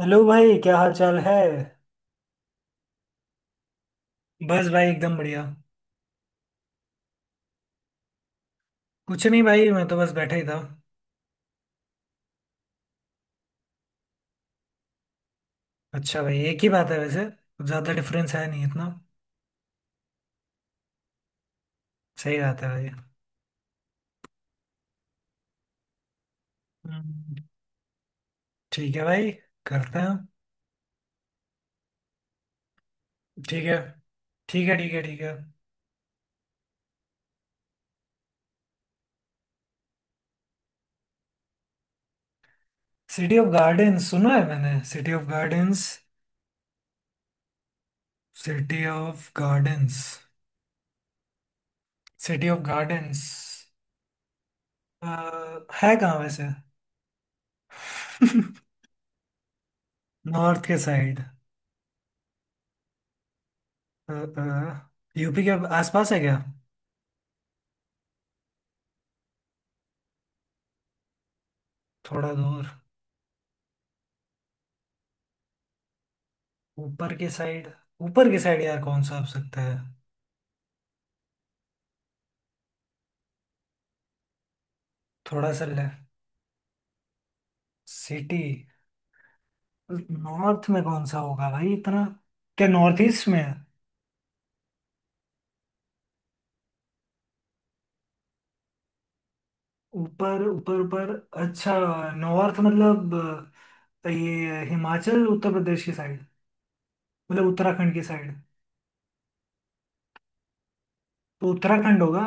Hello भाई, क्या हाल चाल है। बस भाई एकदम बढ़िया। कुछ नहीं भाई, मैं तो बस बैठा ही था। अच्छा भाई, एक ही बात है, वैसे कुछ ज्यादा डिफरेंस है नहीं इतना। सही बात है भाई। हम्म। ठीक है भाई, करते हैं। ठीक है, ठीक है, ठीक है। ठीक है। सिटी ऑफ गार्डन्स सुना है मैंने। City of gardens. City of gardens. City of gardens. है कहाँ वैसे? नॉर्थ के साइड। यूपी के आसपास है क्या? थोड़ा दूर। ऊपर के साइड। ऊपर के साइड यार, कौन सा हो सकता है? थोड़ा सा ले। सिटी। नॉर्थ में कौन सा होगा भाई इतना? क्या नॉर्थ ईस्ट में है? ऊपर ऊपर ऊपर। अच्छा। नॉर्थ मतलब ये हिमाचल उत्तर प्रदेश की साइड। मतलब उत्तराखंड की साइड। तो उत्तराखंड होगा।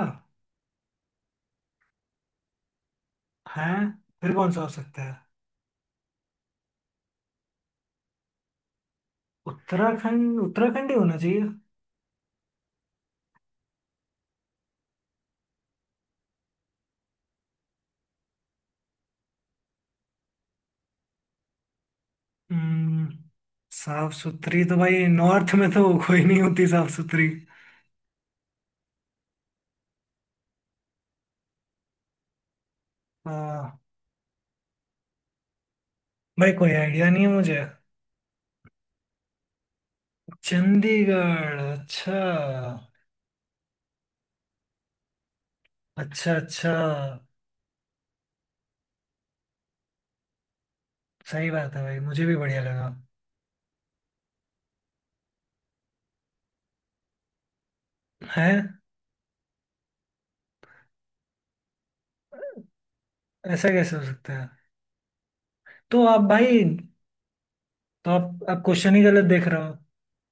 हैं? फिर कौन सा हो सकता है? उत्तराखंड उत्तराखंड ही होना चाहिए। हम्म, साफ सुथरी तो भाई नॉर्थ में तो कोई नहीं होती साफ सुथरी। भाई कोई आइडिया नहीं है मुझे। चंडीगढ़? अच्छा अच्छा। अच्छा। सही बात है भाई, मुझे भी बढ़िया लगा। है। ऐसा कैसे हो सकता है? तो आप भाई। तो आप क्वेश्चन ही गलत देख रहे हो।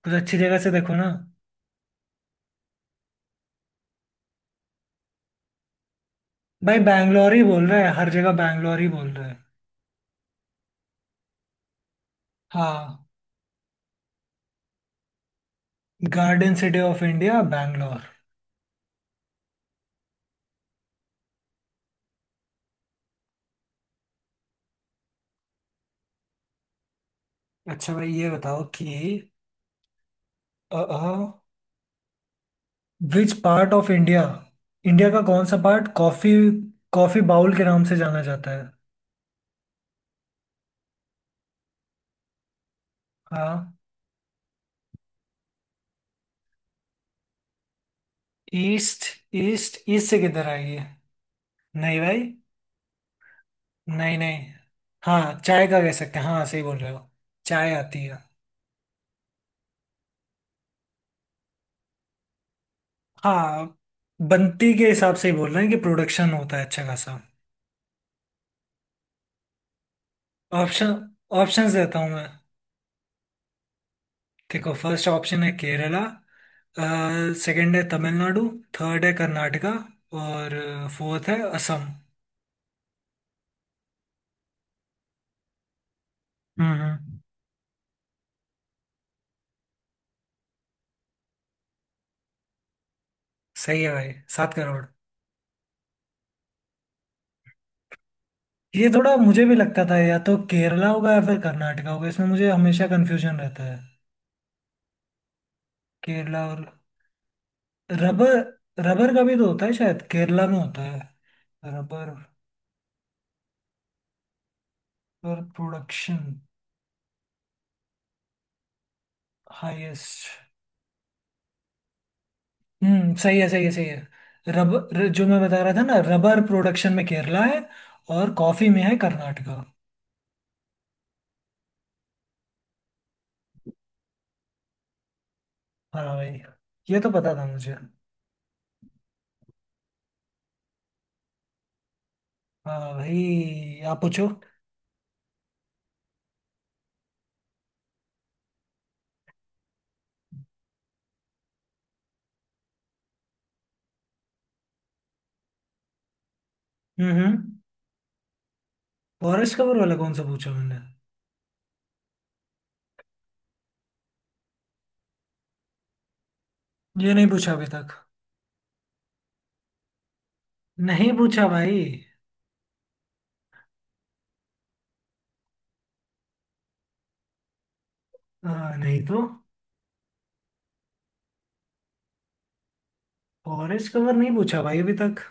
कुछ अच्छी जगह से देखो ना। भाई बैंगलोर ही बोल रहे हैं, हर जगह बैंगलोर ही बोल रहे हैं। हाँ। Garden city of India Bangalore. अच्छा भाई ये बताओ कि which part of India. India का कौन सा पार्ट कॉफी, कॉफी बाउल के नाम से जाना जाता है? हाँ। ईस्ट। ईस्ट ईस्ट से किधर आई है? नहीं भाई। नहीं नहीं। हाँ, चाय का कह सकते हैं, हाँ सही बोल रहे हो। चाय आती है। हाँ। बनती के हिसाब से ही बोल रहे हैं कि प्रोडक्शन होता है अच्छा खासा। ऑप्शन, ऑप्शंस देता हूँ मैं। देखो, फर्स्ट ऑप्शन है केरला। सेकंड है तमिलनाडु। थर्ड है कर्नाटका। और फोर्थ है असम। हम्म, हम्म। सही है भाई, सात करोड़। ये थोड़ा मुझे भी लगता था, या तो केरला होगा या फिर कर्नाटका होगा, इसमें मुझे हमेशा कंफ्यूजन रहता है। केरला और रबर। रबर का भी तो होता है, शायद केरला में होता है। रबर। Rubber production. हाईएस्ट। सही है, सही है, सही है। रबर जो मैं बता रहा था ना, रबर प्रोडक्शन में केरला है। और कॉफी में है कर्नाटका। हाँ भाई। ये तो पता था मुझे। हाँ भाई आप पूछो। हम्म, हम्म। फॉरेस्ट कवर वाला कौन सा पूछा मैंने? ये नहीं पूछा अभी तक। नहीं पूछा भाई। हाँ नहीं तो। फॉरेस्ट कवर नहीं पूछा भाई अभी तक।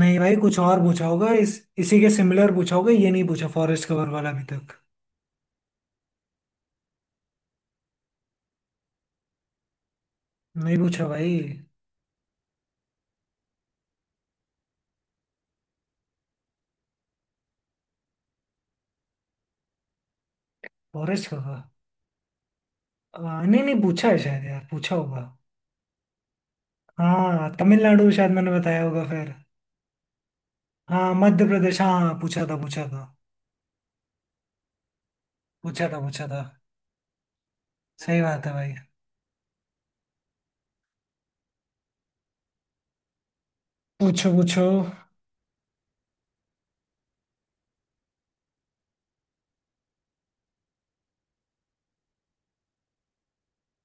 नहीं भाई कुछ और पूछा होगा इस, इसी के सिमिलर पूछा होगा, ये नहीं पूछा फॉरेस्ट कवर वाला अभी तक। नहीं पूछा भाई। Forest cover? नहीं, नहीं पूछा है शायद, यार पूछा होगा। हाँ तमिलनाडु शायद मैंने बताया होगा फिर। हाँ मध्य प्रदेश, हाँ हाँ, पूछा था पूछा था। पूछा था पूछा था। सही बात है भाई। पूछो पूछो।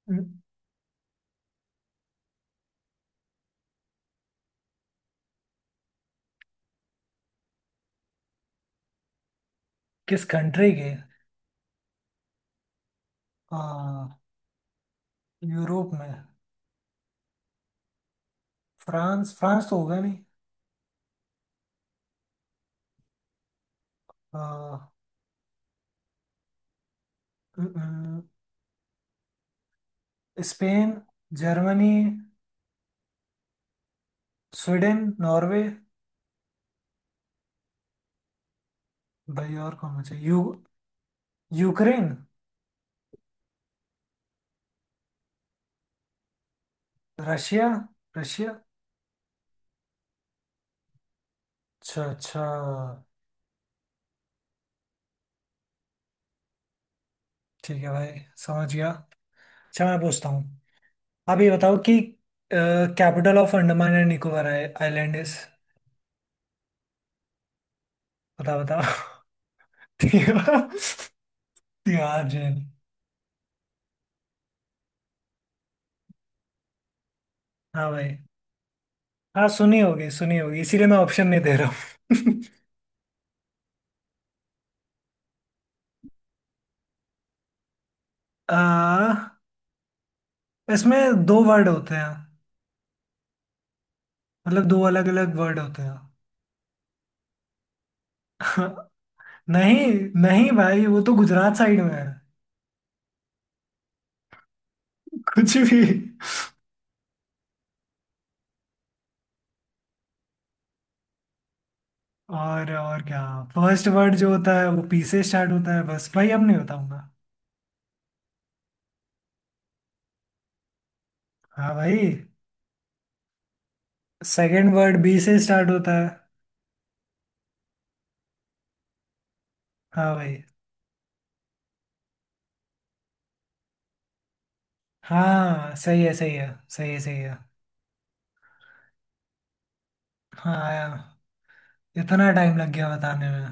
हम्म, किस कंट्री के? हाँ। यूरोप में? फ्रांस, फ्रांस तो होगा नहीं। हाँ। हम्म, हम्म, स्पेन, जर्मनी। Sweden, Norway. भाई और कौन बचा, यू। यूक्रेन। Russia, Russia. अच्छा अच्छा। ठीक है भाई, समझ गया। अच्छा मैं पूछता हूँ। आप ये बताओ कि capital of Andaman and Nicobar island is? बता बताओ। तिहाड़, तिहाड़ जेल। हाँ भाई। हाँ सुनी होगी, सुनी होगी, इसीलिए मैं ऑप्शन नहीं दे रहा हूँ। आ, इसमें दो वर्ड होते हैं। मतलब दो अलग अलग वर्ड होते हैं। नहीं। नहीं भाई, वो तो गुजरात साइड में है। कुछ भी। और क्या? फर्स्ट वर्ड जो होता है वो पी से स्टार्ट होता है, बस भाई अब नहीं बताऊंगा। हाँ भाई। सेकंड वर्ड बी से स्टार्ट होता है। हाँ भाई। हाँ, सही है सही है सही है सही है। हाँ यार, इतना टाइम लग गया बताने में।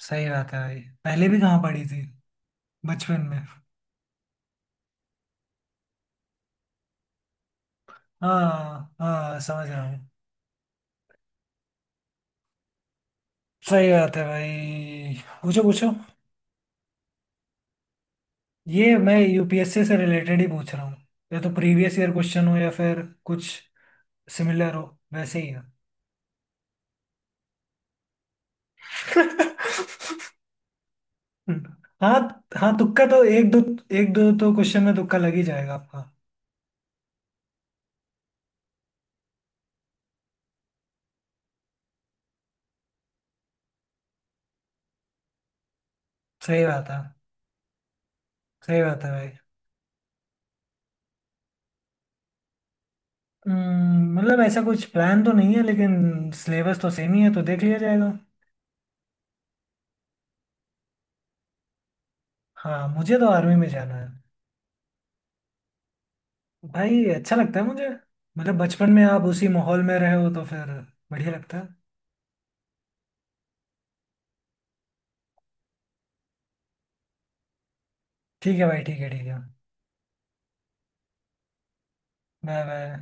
सही बात है भाई, पहले भी कहाँ पढ़ी थी? बचपन में। हाँ हाँ, समझ रहा हूँ। सही बात है भाई। पूछो पूछो। ये मैं यूपीएससी से रिलेटेड ही पूछ रहा हूँ। या तो प्रीवियस ईयर क्वेश्चन हो या फिर कुछ सिमिलर हो। वैसे ही है। हाँ। हाँ तुक्का तो एक दो, एक दो तो क्वेश्चन में तुक्का लग ही जाएगा आपका। सही बात है। सही बात है भाई। मतलब ऐसा कुछ प्लान तो नहीं है लेकिन सिलेबस तो सेम ही है तो देख लिया जाएगा। हाँ मुझे तो आर्मी में जाना है। भाई अच्छा लगता है मुझे। मतलब बचपन में आप उसी माहौल में रहे हो तो फिर बढ़िया लगता है। ठीक है भाई, ठीक है, ठीक है। Bye bye.